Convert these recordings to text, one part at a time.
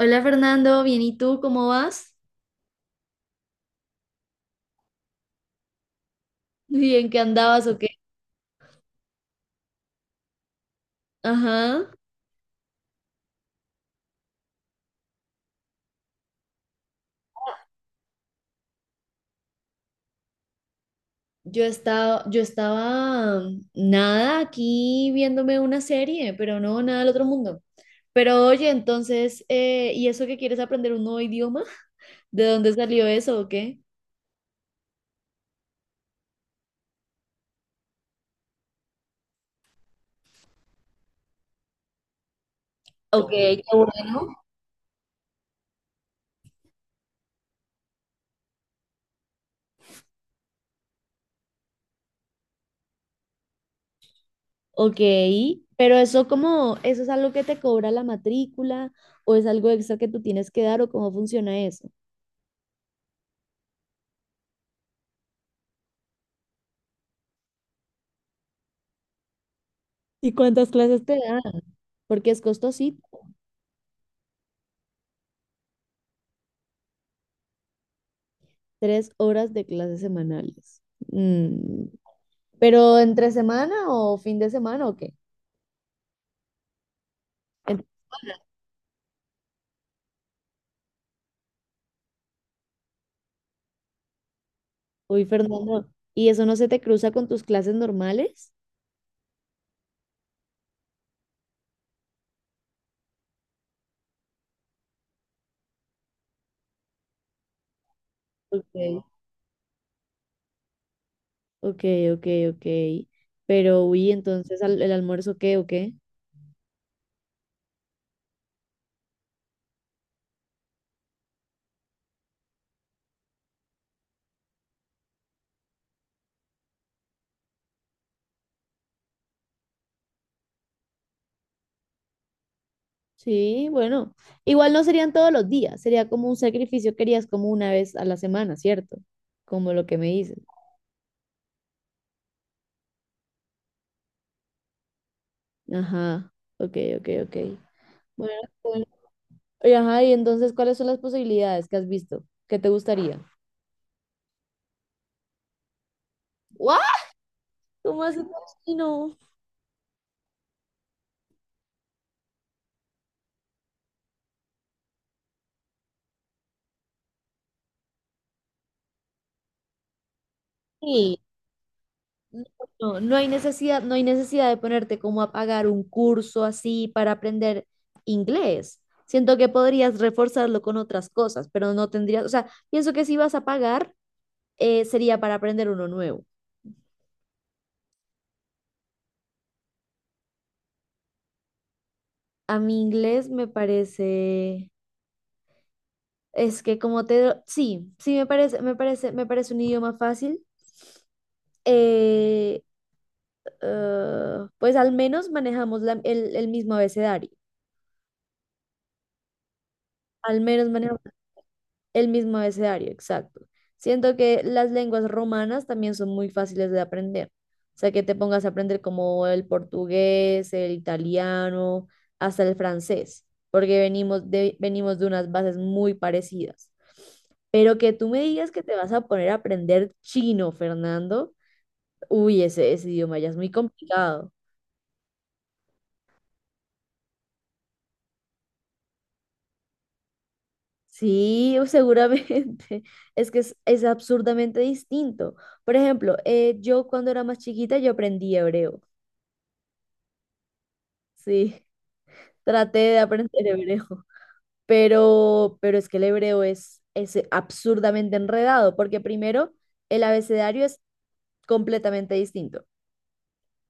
Hola Fernando, bien, ¿y tú cómo vas? Bien, ¿qué andabas o qué? Ajá. Yo estaba, nada aquí viéndome una serie, pero no nada del otro mundo. Pero oye, entonces, ¿y eso que quieres aprender un nuevo idioma? ¿De dónde salió eso o qué? Ok, qué bueno. Ok, pero eso como, ¿eso es algo que te cobra la matrícula o es algo extra que tú tienes que dar o cómo funciona eso? ¿Y cuántas clases te dan? Porque es costosito. Tres horas de clases semanales. Mm, ¿pero entre semana o fin de semana o qué? En- Uy, Fernando, ¿y eso no se te cruza con tus clases normales? Ok, ok, ok, ok. Pero, uy, entonces ¿el almuerzo qué o qué? Sí, bueno, igual no serían todos los días, sería como un sacrificio que harías como una vez a la semana, ¿cierto? Como lo que me dices. Ajá, ok, ok, ok. Bueno, bueno. Y, ajá, y entonces, ¿cuáles son las posibilidades que has visto? ¿Qué te gustaría? ¿What? ¿Cómo hace no? Sí, no, no, no hay necesidad, no hay necesidad de ponerte como a pagar un curso así para aprender inglés. Siento que podrías reforzarlo con otras cosas, pero no tendrías, o sea, pienso que si vas a pagar, sería para aprender uno nuevo. A mi inglés me parece, es que como te, sí, sí me parece, me parece un idioma fácil. Eh, Ah, pues al menos manejamos el mismo abecedario. Al menos manejamos el mismo abecedario, exacto. Siento que las lenguas romanas también son muy fáciles de aprender. O sea, que te pongas a aprender como el portugués, el italiano, hasta el francés, porque venimos de unas bases muy parecidas. Pero que tú me digas que te vas a poner a aprender chino, Fernando, uy, ese idioma ya es muy complicado. Sí, o seguramente. Es que es absurdamente distinto. Por ejemplo, yo cuando era más chiquita yo aprendí hebreo. Sí, traté de aprender hebreo. Pero es que el hebreo es absurdamente enredado, porque primero el abecedario es completamente distinto.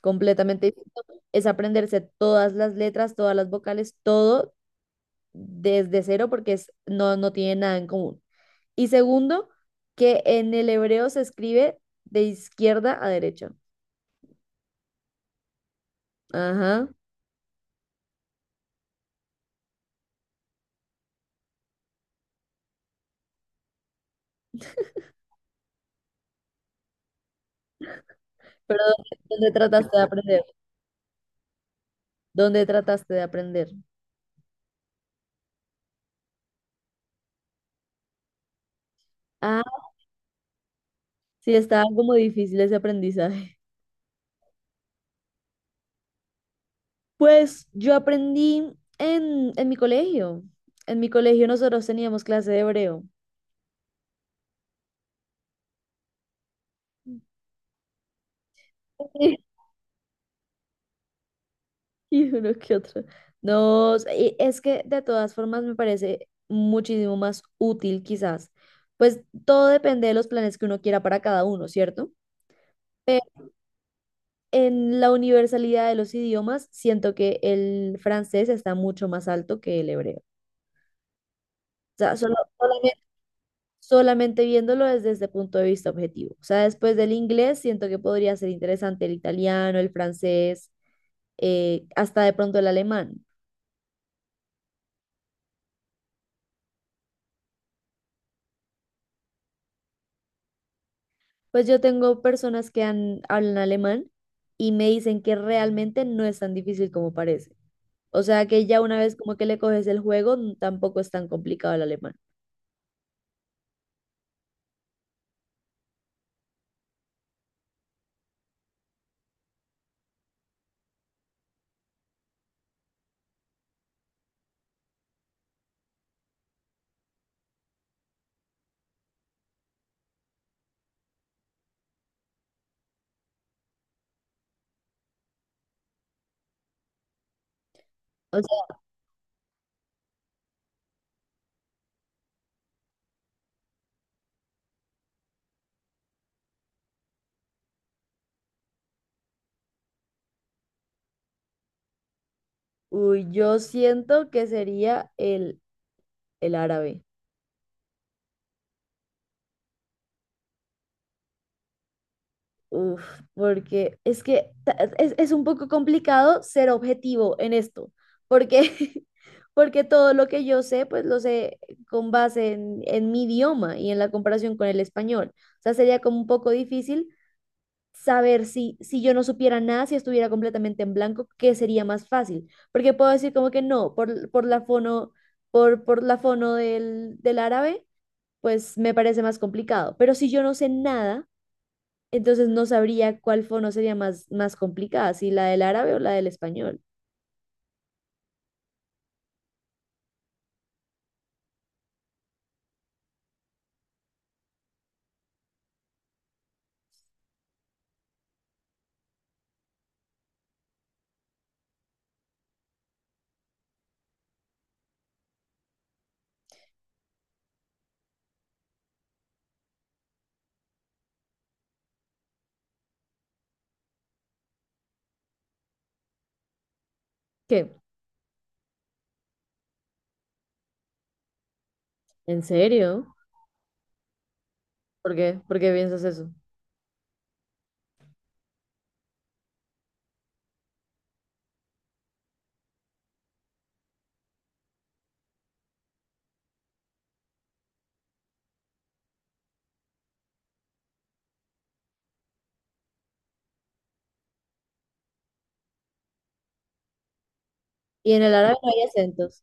Completamente distinto. Es aprenderse todas las letras, todas las vocales, todo desde cero, porque es, no, no tiene nada en común. Y segundo, que en el hebreo se escribe de izquierda a derecha. Ajá. Pero ¿dónde trataste de aprender? ¿Dónde trataste de aprender? Ah, sí, estaba como difícil ese aprendizaje. Pues yo aprendí en mi colegio. En mi colegio nosotros teníamos clase de hebreo. Y uno que otro. No, y es que de todas formas me parece muchísimo más útil quizás. Pues todo depende de los planes que uno quiera para cada uno, ¿cierto? Pero en la universalidad de los idiomas, siento que el francés está mucho más alto que el hebreo. O sea, solamente viéndolo desde ese punto de vista objetivo. O sea, después del inglés, siento que podría ser interesante el italiano, el francés, hasta de pronto el alemán. Pues yo tengo personas que hablan alemán y me dicen que realmente no es tan difícil como parece. O sea, que ya una vez como que le coges el juego, tampoco es tan complicado el alemán. Uy, yo siento que sería el árabe. Uf, porque es que es un poco complicado ser objetivo en esto, porque, porque todo lo que yo sé, pues lo sé con base en mi idioma y en la comparación con el español. O sea, sería como un poco difícil saber si, si yo no supiera nada, si estuviera completamente en blanco, qué sería más fácil. Porque puedo decir como que no, por la fono, por la fono del árabe. Pues me parece más complicado. Pero si yo no sé nada, entonces no sabría cuál fono sería más, más complicada, si la del árabe o la del español. ¿Qué? ¿En serio? ¿Por qué? ¿Por qué piensas eso? Y en el árabe no hay acentos.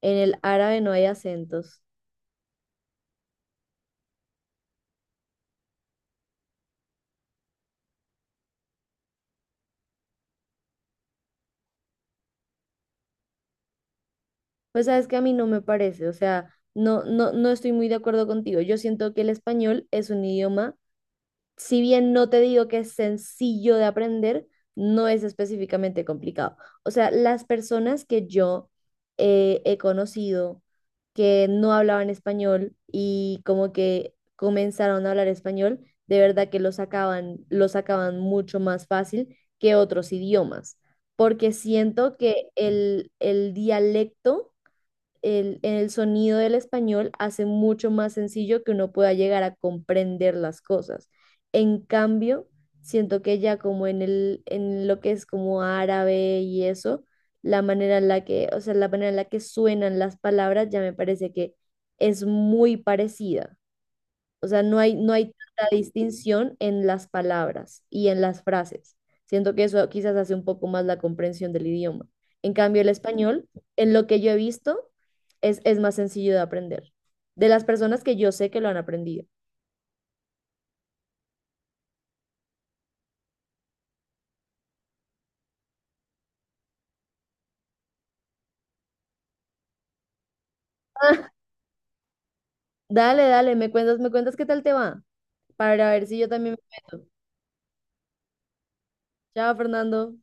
En el árabe no hay acentos. Pues sabes que a mí no me parece, o sea, no, no, no estoy muy de acuerdo contigo. Yo siento que el español es un idioma si bien no te digo que es sencillo de aprender, no es específicamente complicado. O sea, las personas que yo he conocido que no hablaban español y como que comenzaron a hablar español, de verdad que lo sacaban mucho más fácil que otros idiomas, porque siento que el dialecto el sonido del español hace mucho más sencillo que uno pueda llegar a comprender las cosas. En cambio, siento que ya como en el, en lo que es como árabe y eso, la manera en la que, o sea, la manera en la que suenan las palabras ya me parece que es muy parecida. O sea, no hay, no hay tanta distinción en las palabras y en las frases. Siento que eso quizás hace un poco más la comprensión del idioma. En cambio, el español, en lo que yo he visto, es más sencillo de aprender. De las personas que yo sé que lo han aprendido. Dale, dale, me cuentas qué tal te va, para ver si yo también me meto. Chao, Fernando.